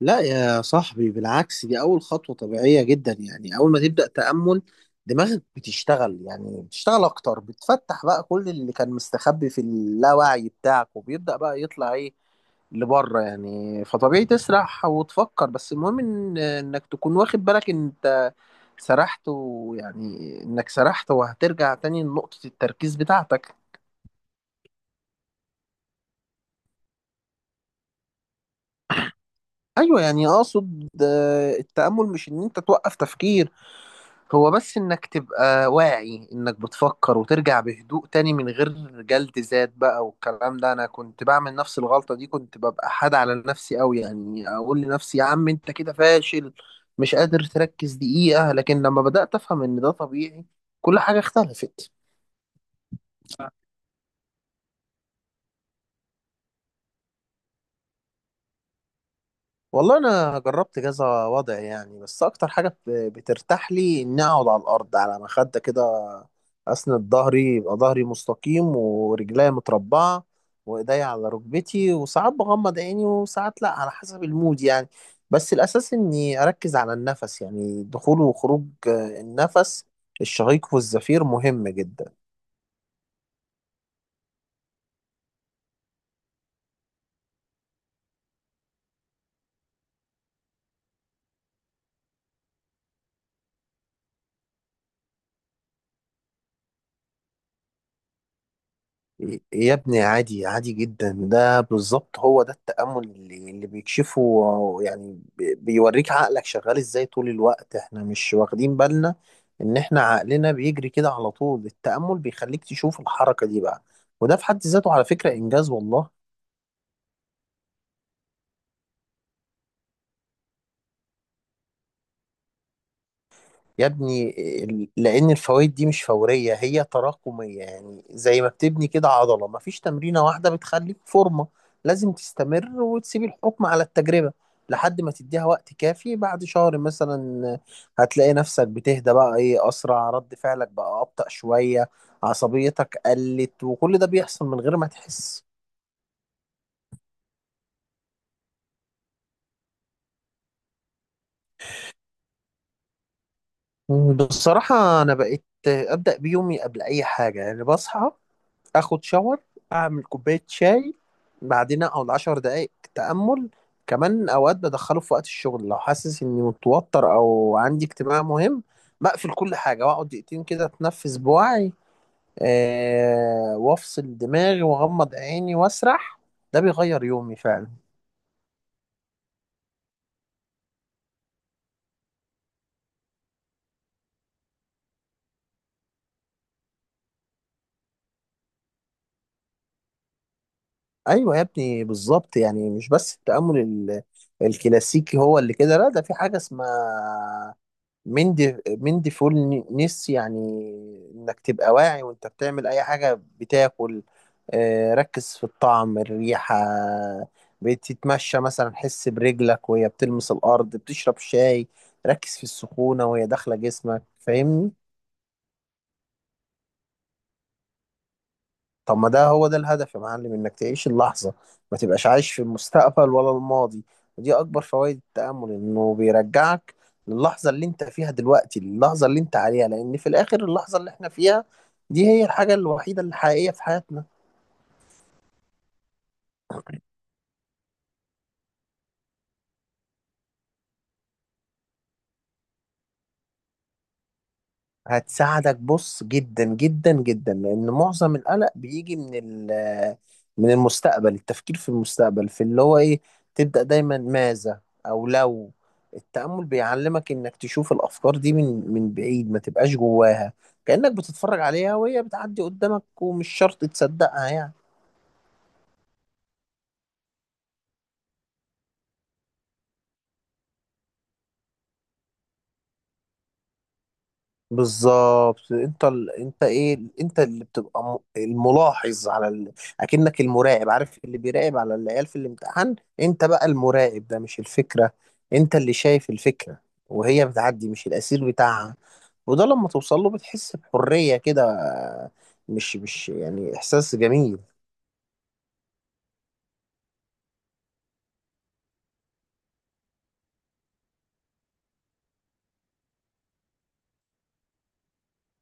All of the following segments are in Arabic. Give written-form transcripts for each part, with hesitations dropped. لا يا صاحبي، بالعكس دي أول خطوة طبيعية جدا. يعني أول ما تبدأ تأمل دماغك بتشتغل، يعني بتشتغل أكتر، بتفتح بقى كل اللي كان مستخبي في اللاوعي بتاعك وبيبدأ بقى يطلع إيه لبره. يعني فطبيعي تسرح وتفكر، بس المهم إنك تكون واخد بالك إن أنت سرحت، ويعني إنك سرحت وهترجع تاني لنقطة التركيز بتاعتك. أيوه، يعني أقصد التأمل مش إن أنت توقف تفكير. هو بس انك تبقى واعي انك بتفكر وترجع بهدوء تاني من غير جلد ذات بقى والكلام ده. انا كنت بعمل نفس الغلطة دي، كنت ببقى حاد على نفسي قوي. يعني اقول لنفسي يا عم انت كده فاشل، مش قادر تركز دقيقة. لكن لما بدأت افهم ان ده طبيعي كل حاجة اختلفت. والله انا جربت كذا وضع يعني، بس اكتر حاجه بترتاح لي اني اقعد على الارض على مخده كده، اسند ظهري، يبقى ظهري مستقيم ورجليا متربعه وايديا على ركبتي. وساعات بغمض عيني وساعات لا، على حسب المود يعني. بس الاساس اني اركز على النفس، يعني دخول وخروج النفس، الشهيق والزفير مهم جدا. يا ابني عادي، عادي جدا. ده بالظبط هو ده التأمل اللي بيكشفه. يعني بيوريك عقلك شغال ازاي طول الوقت. احنا مش واخدين بالنا ان احنا عقلنا بيجري كده على طول. التأمل بيخليك تشوف الحركة دي بقى، وده في حد ذاته على فكرة إنجاز والله. يا ابني، لان الفوائد دي مش فوريه، هي تراكميه. يعني زي ما بتبني كده عضله، مفيش تمرينه واحده بتخليك فورمه. لازم تستمر وتسيب الحكم على التجربه لحد ما تديها وقت كافي. بعد شهر مثلا هتلاقي نفسك بتهدى بقى، ايه، اسرع، رد فعلك بقى ابطأ شويه، عصبيتك قلت. وكل ده بيحصل من غير ما تحس. بصراحه انا بقيت ابدأ بيومي قبل اي حاجه. يعني بصحى، اخد شاور، اعمل كوبايه شاي، بعدين اقعد 10 دقايق تامل. كمان اوقات بدخله في وقت الشغل، لو حاسس اني متوتر او عندي اجتماع مهم بقفل كل حاجه واقعد دقيقتين كده اتنفس بوعي، وافصل دماغي واغمض عيني واسرح. ده بيغير يومي فعلا. ايوه يا ابني بالظبط. يعني مش بس التامل الكلاسيكي هو اللي كده، لا ده في حاجه اسمها من ديفول نس يعني، انك تبقى واعي وانت بتعمل اي حاجة. بتاكل، ركز في الطعم، الريحة. بتتمشى مثلا حس برجلك وهي بتلمس الارض. بتشرب شاي ركز في السخونة وهي داخلة جسمك. فاهمني؟ طب ما ده هو ده الهدف يا معلم، انك تعيش اللحظة، ما تبقاش عايش في المستقبل ولا الماضي. ودي اكبر فوائد التأمل، انه بيرجعك للحظة اللي انت فيها دلوقتي، اللحظة اللي انت عليها، لان في الاخر اللحظة اللي احنا فيها دي هي الحاجة الوحيدة الحقيقية في حياتنا. هتساعدك بص، جدا جدا جدا، لان معظم القلق بيجي من من المستقبل، التفكير في المستقبل، في اللي هو ايه، تبدأ دايما ماذا او لو. التأمل بيعلمك انك تشوف الافكار دي من بعيد، ما تبقاش جواها. كأنك بتتفرج عليها وهي بتعدي قدامك ومش شرط تصدقها يعني. بالظبط. انت ايه، انت اللي بتبقى الملاحظ اكنك المراقب. عارف اللي بيراقب على العيال في الامتحان؟ انت بقى المراقب ده، مش الفكرة. انت اللي شايف الفكرة وهي بتعدي، مش الاسير بتاعها. وده لما توصل له بتحس بحرية كده. مش يعني احساس جميل.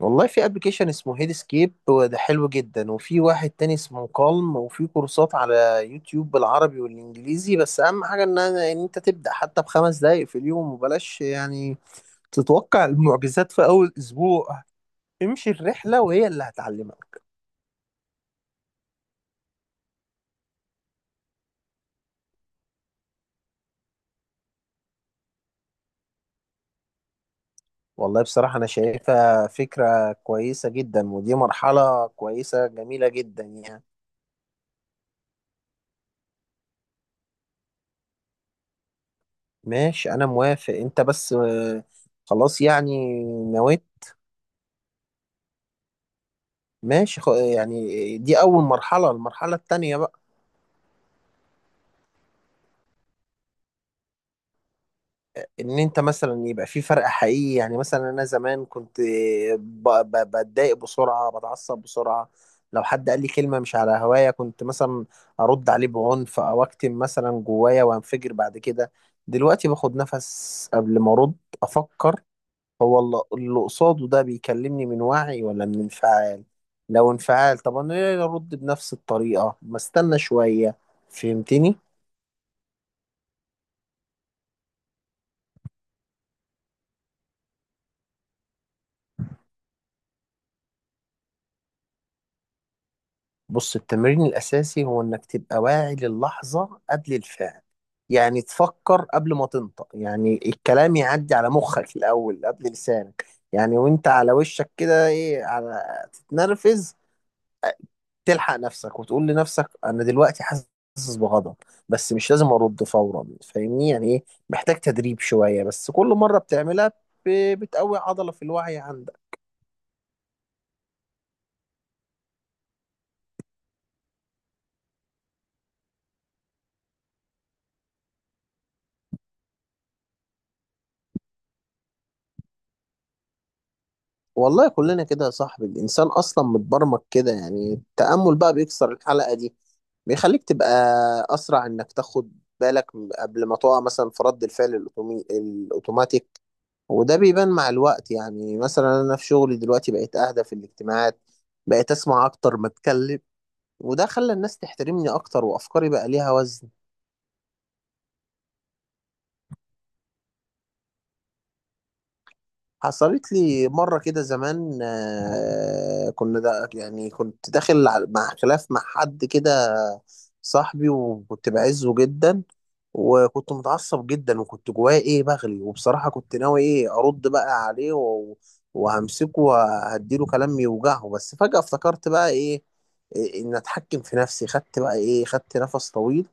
والله في ابلكيشن اسمه هيد سكيب وده حلو جدا، وفي واحد تاني اسمه كالم، وفي كورسات على يوتيوب بالعربي والانجليزي. بس اهم حاجه ان انت تبدا حتى بخمس دقايق في اليوم، وبلاش يعني تتوقع المعجزات في اول اسبوع. امشي الرحله وهي اللي هتعلمك. والله بصراحه انا شايفها فكره كويسه جدا، ودي مرحله كويسه جميله جدا يعني. ماشي انا موافق، انت بس خلاص يعني نويت. ماشي يعني دي أول مرحلة. المرحلة التانية بقى إن أنت مثلا يبقى في فرق حقيقي. يعني مثلا أنا زمان كنت بتضايق بسرعة، بتعصب بسرعة. لو حد قال لي كلمة مش على هواية كنت مثلا أرد عليه بعنف، أو أكتم مثلا جوايا وأنفجر بعد كده. دلوقتي باخد نفس قبل ما أرد، أفكر، هو الل- اللي قصاده ده بيكلمني من وعي ولا من انفعال. لو انفعال طب أنا ليه أرد بنفس الطريقة؟ ما استنى شوية. فهمتني؟ بص التمرين الأساسي هو إنك تبقى واعي للحظة قبل الفعل. يعني تفكر قبل ما تنطق، يعني الكلام يعدي على مخك الأول قبل لسانك. يعني وأنت على وشك كده إيه، على تتنرفز، تلحق نفسك وتقول لنفسك أنا دلوقتي حاسس بغضب بس مش لازم أرد فورا. فاهمني؟ يعني إيه، محتاج تدريب شوية بس كل مرة بتعملها بتقوي عضلة في الوعي عندك. والله كلنا كده يا صاحبي، الإنسان أصلا متبرمج كده. يعني التأمل بقى بيكسر الحلقة دي، بيخليك تبقى أسرع إنك تاخد بالك قبل ما تقع مثلا في رد الفعل الأوتوماتيك. وده بيبان مع الوقت. يعني مثلا أنا في شغلي دلوقتي بقيت أهدى في الاجتماعات، بقيت أسمع أكتر ما أتكلم. وده خلى الناس تحترمني أكتر، وأفكاري بقى ليها وزن. حصلت لي مرة كده زمان، كنا دا يعني كنت داخل مع خلاف مع حد كده صاحبي وكنت بعزه جدا. وكنت متعصب جدا وكنت جوايا ايه بغلي. وبصراحة كنت ناوي ايه ارد بقى عليه وهمسكه وهديله كلام يوجعه. بس فجأة افتكرت بقى ايه، ان اتحكم في نفسي. خدت بقى ايه، خدت نفس طويل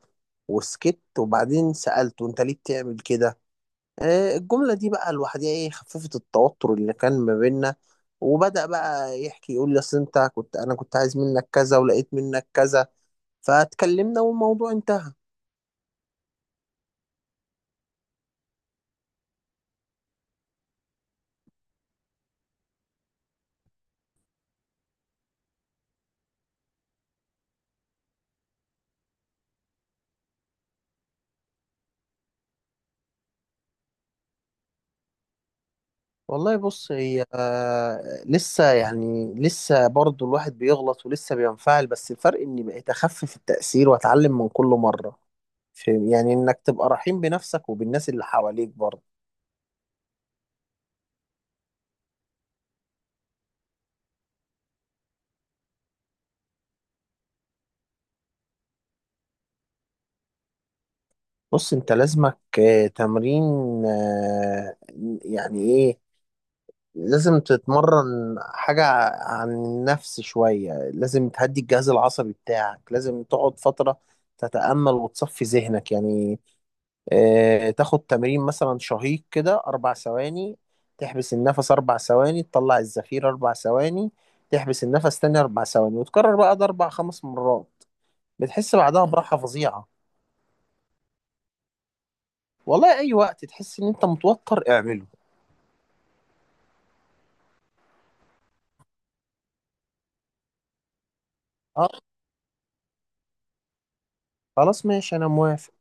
وسكت. وبعدين سألته انت ليه بتعمل كده. الجملة دي بقى لوحدها ايه خففت التوتر اللي كان ما بيننا. وبدأ بقى يحكي يقول لي اصل انت كنت، انا كنت عايز منك كذا ولقيت منك كذا. فاتكلمنا والموضوع انتهى. والله بص هي لسه يعني، لسه برضو الواحد بيغلط ولسه بينفعل. بس الفرق اني بقيت اخفف التأثير واتعلم من كل مرة. فاهم؟ يعني انك تبقى رحيم بنفسك وبالناس اللي حواليك برضو. بص انت لازمك تمرين. آه، يعني ايه، لازم تتمرن حاجة عن النفس شوية. لازم تهدي الجهاز العصبي بتاعك. لازم تقعد فترة تتأمل وتصفي ذهنك يعني. تاخد تمرين مثلا شهيق كده 4 ثواني، تحبس النفس 4 ثواني، تطلع الزفير 4 ثواني، تحبس النفس تاني 4 ثواني. وتكرر بقى ده 4 5 مرات بتحس بعدها براحة فظيعة. والله أي وقت تحس إن أنت متوتر اعمله. أه خلاص ماشي أنا موافق.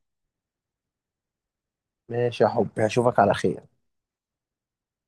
ماشي يا حبي هشوفك على خير.